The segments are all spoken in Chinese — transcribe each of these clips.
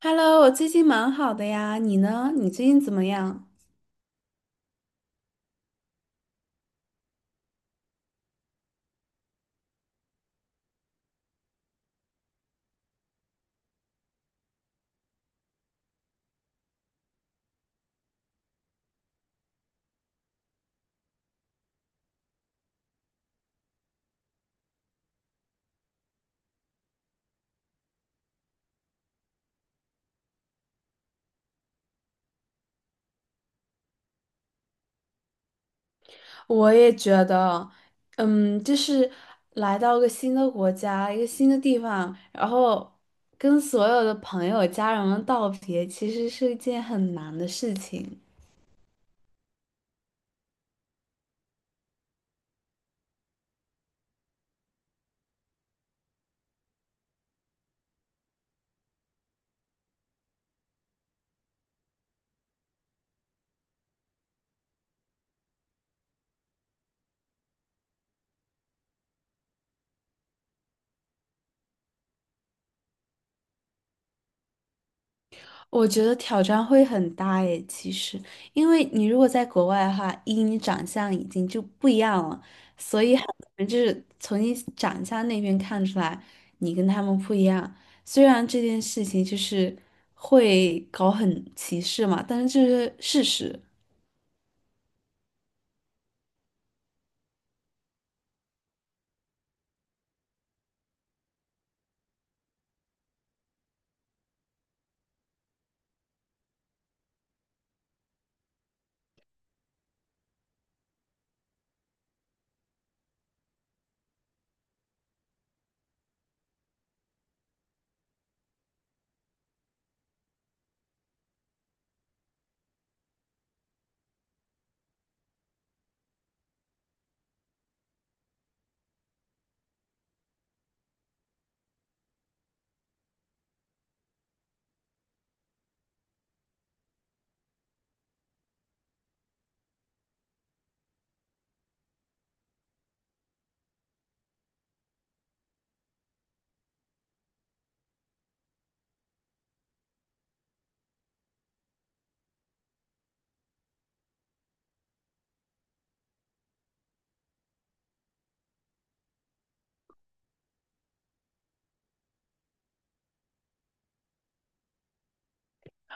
Hello，我最近蛮好的呀，你呢？你最近怎么样？我也觉得，就是来到个新的国家，一个新的地方，然后跟所有的朋友、家人们道别，其实是一件很难的事情。我觉得挑战会很大诶，其实，因为你如果在国外的话，一你长相已经就不一样了，所以很多人就是从你长相那边看出来，你跟他们不一样。虽然这件事情就是会搞很歧视嘛，但是这是事实。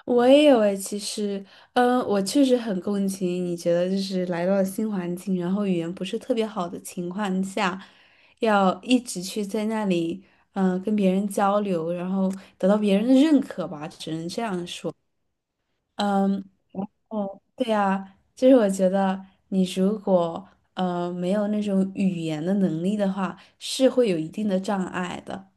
我也有诶，其实，我确实很共情。你觉得就是来到了新环境，然后语言不是特别好的情况下，要一直去在那里，跟别人交流，然后得到别人的认可吧，只能这样说。嗯，哦，对呀，就是我觉得你如果没有那种语言的能力的话，是会有一定的障碍的。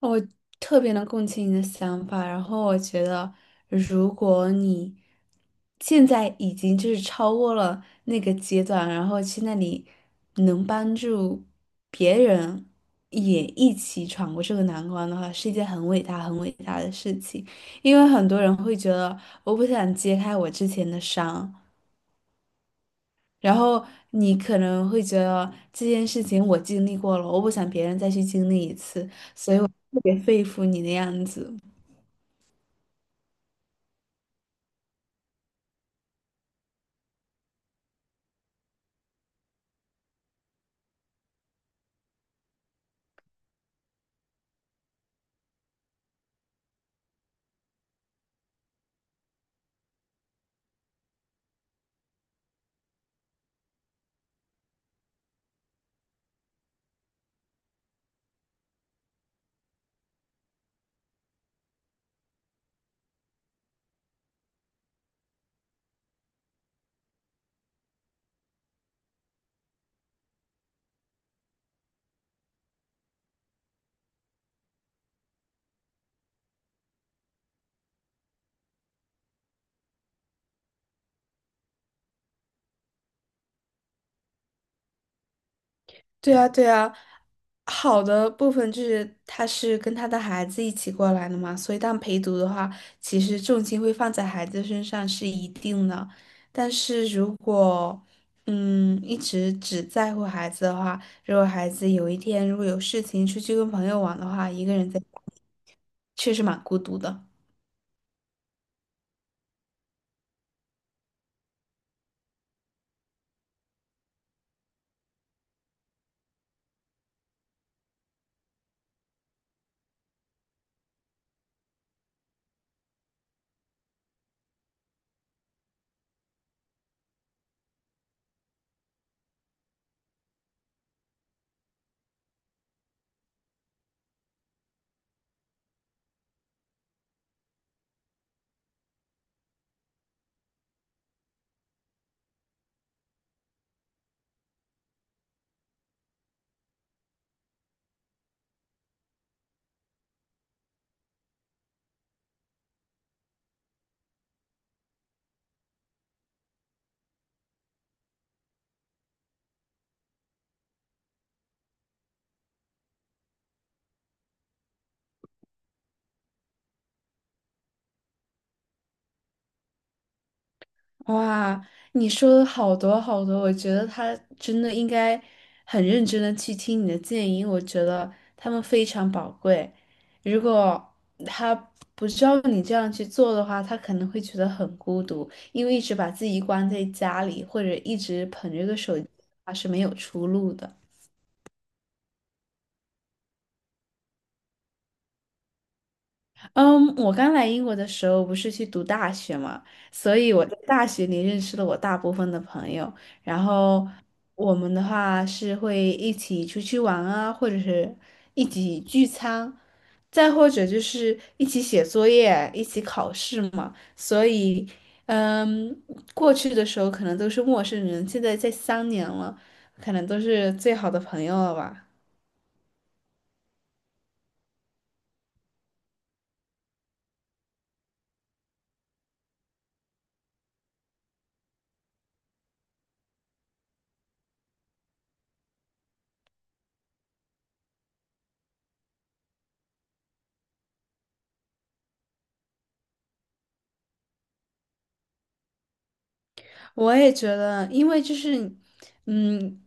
我特别能共情你的想法，然后我觉得，如果你现在已经就是超过了那个阶段，然后去那里能帮助别人也一起闯过这个难关的话，是一件很伟大、很伟大的事情。因为很多人会觉得，我不想揭开我之前的伤，然后你可能会觉得这件事情我经历过了，我不想别人再去经历一次，特别佩服你的样子。对啊，对啊，好的部分就是他是跟他的孩子一起过来的嘛，所以当陪读的话，其实重心会放在孩子身上是一定的。但是如果一直只在乎孩子的话，如果孩子有一天如果有事情出去跟朋友玩的话，一个人在家里确实蛮孤独的。哇，你说的好多好多，我觉得他真的应该很认真的去听你的建议，我觉得他们非常宝贵。如果他不照你这样去做的话，他可能会觉得很孤独，因为一直把自己关在家里，或者一直捧着个手机，他是没有出路的。嗯，我刚来英国的时候不是去读大学嘛，所以我在大学里认识了我大部分的朋友，然后我们的话是会一起出去玩啊，或者是一起聚餐，再或者就是一起写作业、一起考试嘛。所以，嗯，过去的时候可能都是陌生人，现在在3年了，可能都是最好的朋友了吧。我也觉得，因为就是，嗯，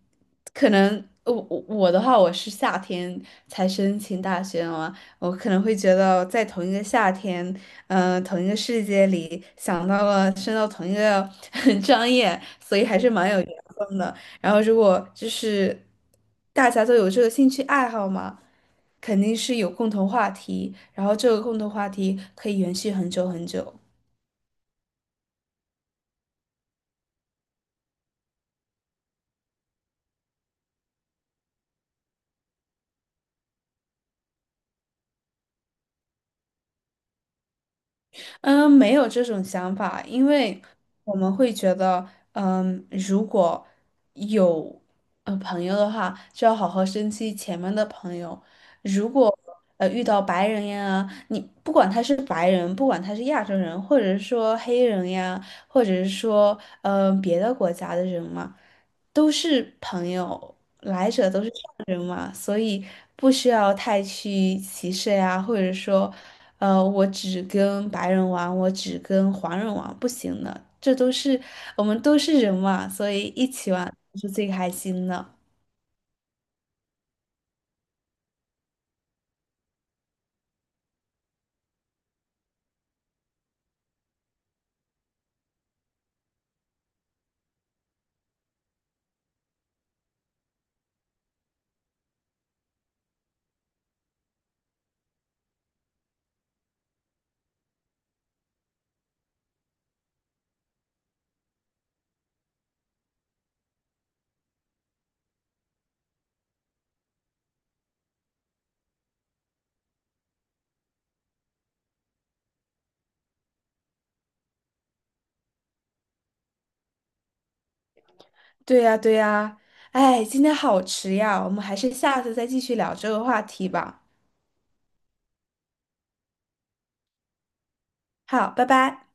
可能我的话，我是夏天才申请大学嘛，我可能会觉得在同一个夏天，同一个世界里，想到了升到同一个 专业，所以还是蛮有缘分的。然后如果就是大家都有这个兴趣爱好嘛，肯定是有共同话题，然后这个共同话题可以延续很久很久。嗯，没有这种想法，因为我们会觉得，如果有朋友的话，就要好好珍惜前面的朋友。如果遇到白人呀，你不管他是白人，不管他是亚洲人，或者是说黑人呀，或者是说别的国家的人嘛，都是朋友，来者都是善人嘛，所以不需要太去歧视呀，或者说。我只跟白人玩，我只跟黄人玩，不行的，这都是我们都是人嘛，所以一起玩是最开心的。对呀，对呀，哎，今天好迟呀，我们还是下次再继续聊这个话题吧。好，拜拜。